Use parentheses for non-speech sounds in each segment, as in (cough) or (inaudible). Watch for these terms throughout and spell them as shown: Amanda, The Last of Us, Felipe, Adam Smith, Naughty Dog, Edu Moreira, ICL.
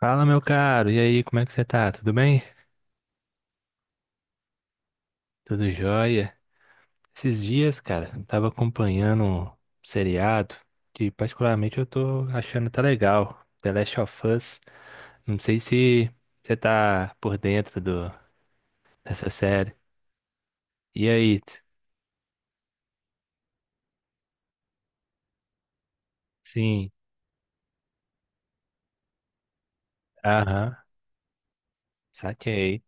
Fala, meu caro. E aí, como é que você tá? Tudo bem? Tudo jóia? Esses dias, cara, eu tava acompanhando um seriado que particularmente eu tô achando tá legal. The Last of Us. Não sei se você tá por dentro dessa série. E aí? Sim. Aham. Saquei.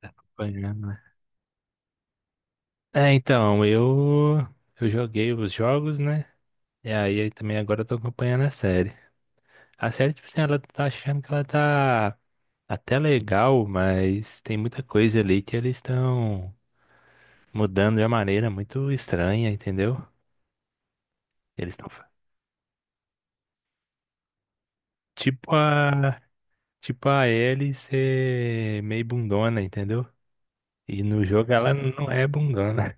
Tá acompanhando, né? É, então, eu joguei os jogos, né? E aí também agora eu tô acompanhando a série. A série, tipo assim, ela tá achando que ela tá até legal, mas tem muita coisa ali que eles estão mudando de uma maneira muito estranha, entendeu? Eles estão tipo a Tipo a Ellie ser meio bundona, entendeu? E no jogo ela não é bundona.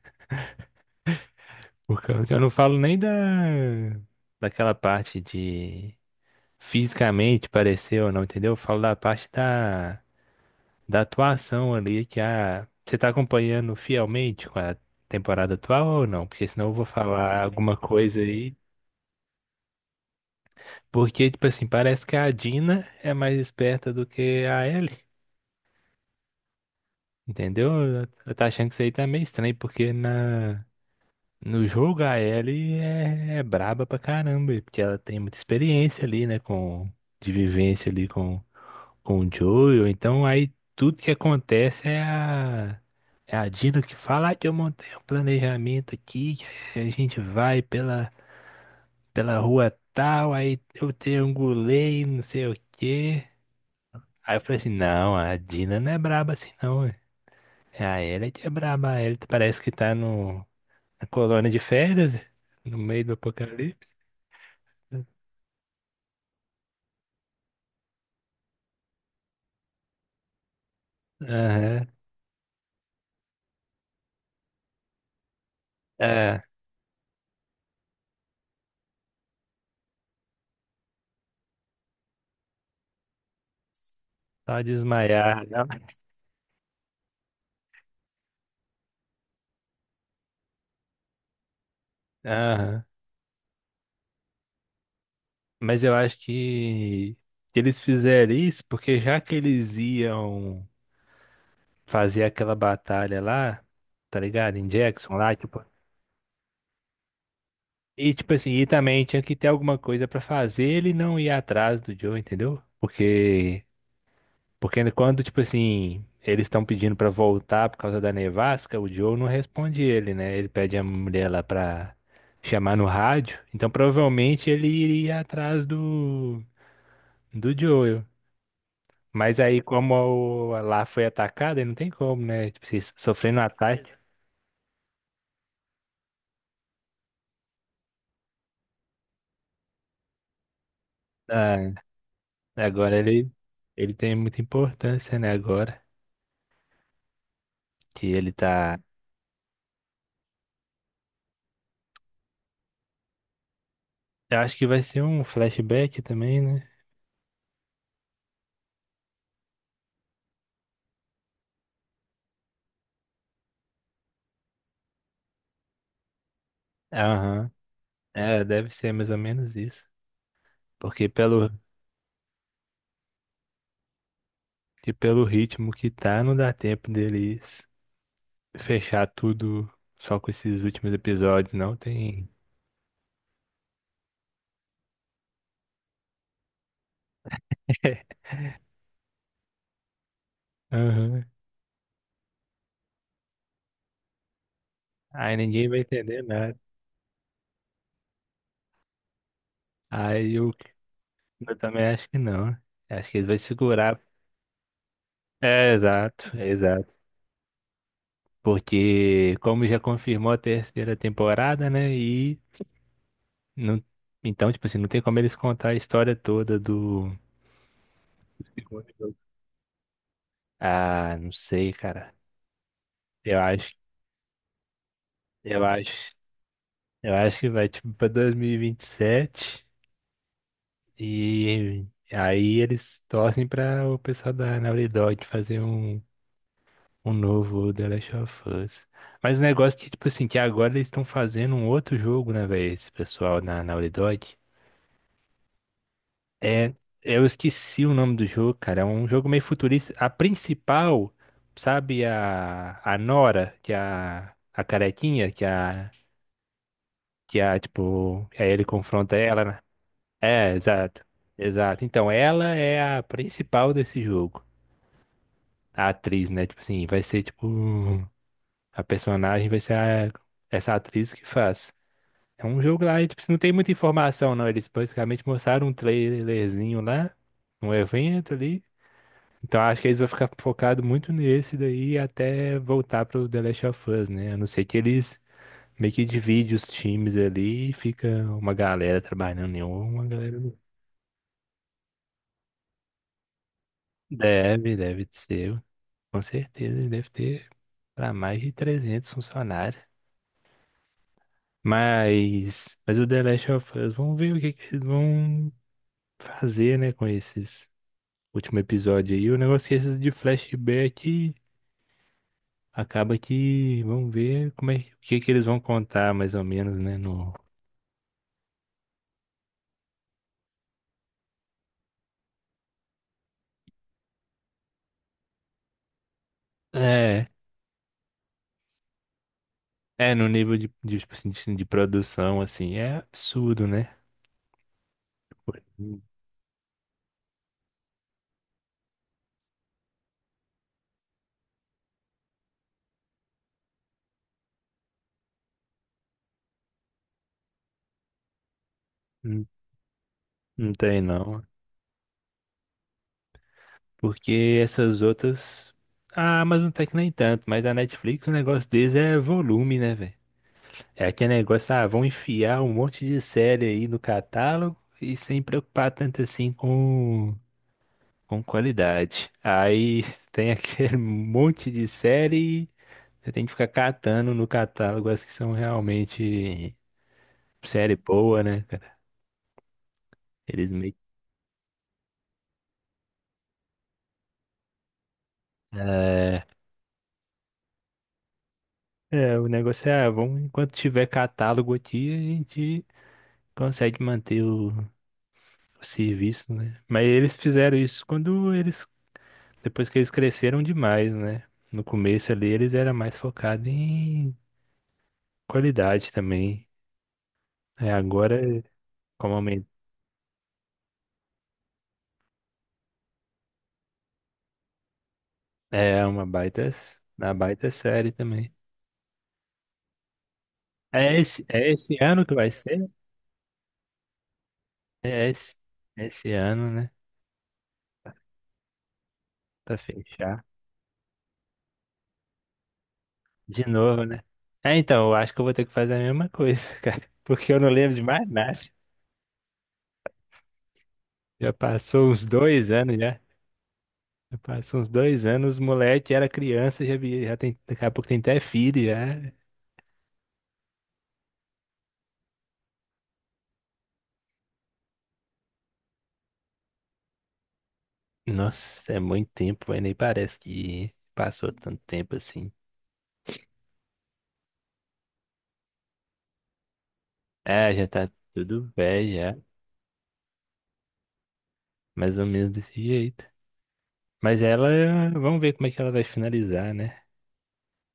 (laughs) Por causa, eu não falo nem da daquela parte de fisicamente parecer ou não, entendeu? Eu falo da parte da atuação ali que a você tá acompanhando fielmente com a temporada atual ou não? Porque senão eu vou falar alguma coisa aí. Porque, tipo assim, parece que a Dina é mais esperta do que a Ellie, entendeu? Eu tô achando que isso aí tá meio estranho, porque no jogo a Ellie é braba pra caramba, e porque ela tem muita experiência ali, né, com, de vivência ali com o Joel. Então aí tudo que acontece é a Dina que fala: "Ah, que eu montei um planejamento aqui, que a gente vai pela rua tal, aí eu triangulei, não sei o quê." Aí eu falei assim, não, a Dina não é braba assim não, ué. É a Ellie que é braba. A Ellie parece que tá no, na colônia de férias, no meio do apocalipse. Aham, é, só desmaiar, não. Aham. Mas eu acho que eles fizeram isso porque já que eles iam fazia aquela batalha lá, tá ligado? Em Jackson lá, tipo. E tipo assim, e também tinha que ter alguma coisa pra fazer ele não ir atrás do Joe, entendeu? Porque quando, tipo assim, eles estão pedindo pra voltar por causa da nevasca, o Joe não responde ele, né? Ele pede a mulher lá pra chamar no rádio. Então provavelmente ele iria atrás do Joel. Mas aí como lá foi atacada aí não tem como, né? Tipo assim, sofrendo um ataque. Agora ele, Ele tem muita importância, né? Agora que ele tá. Eu acho que vai ser um flashback também, né? Aham. É, deve ser mais ou menos isso. Porque pelo ritmo que tá, não dá tempo deles fechar tudo só com esses últimos episódios, não tem. (laughs) Aham. Aí ninguém vai entender nada. Aí eu, eu também acho que não. Acho que eles vão segurar. É, exato, exato. Porque, como já confirmou a terceira temporada, né? E não, então, tipo assim, não tem como eles contar a história toda do. Ah, não sei, cara. Eu acho, eu acho, eu acho que vai tipo para 2027 e 27 e aí eles torcem para o pessoal da Naughty Dog fazer um novo The Last of Us. Mas o negócio é que, tipo assim, que agora eles estão fazendo um outro jogo, né, velho, esse pessoal na Naughty Dog. É, eu esqueci o nome do jogo, cara. É um jogo meio futurista. A principal, sabe, a Nora, que é a carequinha, que é a, tipo, aí ele confronta ela, né? É, exato. Exato. Então, ela é a principal desse jogo. A atriz, né? Tipo assim, vai ser, tipo, a personagem vai ser essa atriz que faz. É um jogo lá, e, tipo, não tem muita informação, não. Eles basicamente mostraram um trailerzinho lá, um evento ali. Então acho que eles vão ficar focados muito nesse daí até voltar pro The Last of Us, né? A não ser que eles meio que dividem os times ali e fica uma galera trabalhando em um, uma galera no. Deve ser. Com certeza, ele deve ter para mais de 300 funcionários. Mas o The Last of Us, vamos ver o que, que eles vão fazer, né, com esses último episódio aí. O negócio é que esses de flashback, acaba que vamos ver como é o que que eles vão contar mais ou menos, né? No é, é no nível de, tipo assim, de produção assim é absurdo, né? Pô, não, não, não tem não, porque essas outras, ah, mas não tem que nem tanto, mas a Netflix, o negócio deles é volume, né, velho? É aquele negócio, ah, vão enfiar um monte de série aí no catálogo e sem preocupar tanto assim com qualidade. Aí (laughs) tem aquele monte de série. Você tem que ficar catando no catálogo as que são realmente série boa, né, cara? Eles meio que- É, o negócio é, ah, vamos, enquanto tiver catálogo aqui, a gente consegue manter o serviço, né? Mas eles fizeram isso quando eles, depois que eles cresceram demais, né? No começo ali, eles eram mais focados em qualidade também. É, agora, como aumentou, é uma baita, série também. É esse ano que vai ser? É esse, Esse ano, né? Pra fechar. De novo, né? É, então, eu acho que eu vou ter que fazer a mesma coisa, (laughs) cara. Porque eu não lembro de mais nada. Já passou uns 2 anos já. Já passou uns dois anos, moleque era criança, já, já tem, daqui a pouco tem até filho já. Nossa, é muito tempo, mas nem parece que passou tanto tempo assim. É, já tá tudo velho já. Mais ou menos desse jeito. Mas ela, vamos ver como é que ela vai finalizar, né?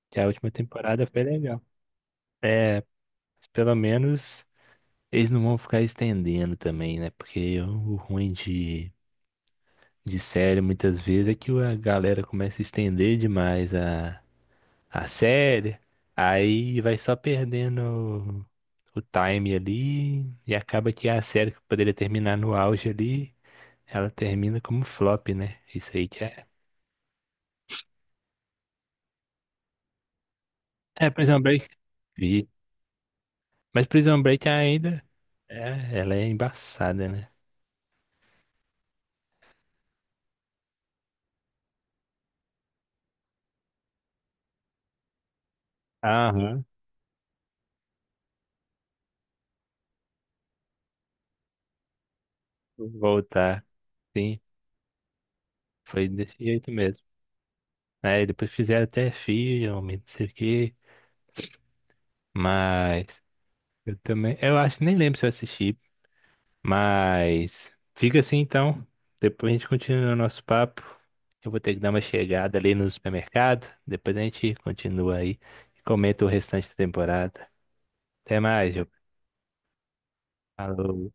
Que a última temporada foi legal. É, pelo menos eles não vão ficar estendendo também, né? Porque o ruim de série muitas vezes é que a galera começa a estender demais a série, aí vai só perdendo o time ali e acaba que a série que poderia terminar no auge ali, ela termina como flop, né? Isso aí que é. É, Prison Break, vi. Mas Prison Break ainda, ela é embaçada, né? Aham, vou voltar. Sim. Foi desse jeito mesmo. Aí depois fizeram até filme, não sei o quê. Mas eu também. Eu acho, nem lembro se eu assisti. Mas fica assim então. Depois a gente continua o nosso papo. Eu vou ter que dar uma chegada ali no supermercado. Depois a gente continua aí e comenta o restante da temporada. Até mais, eu. Falou.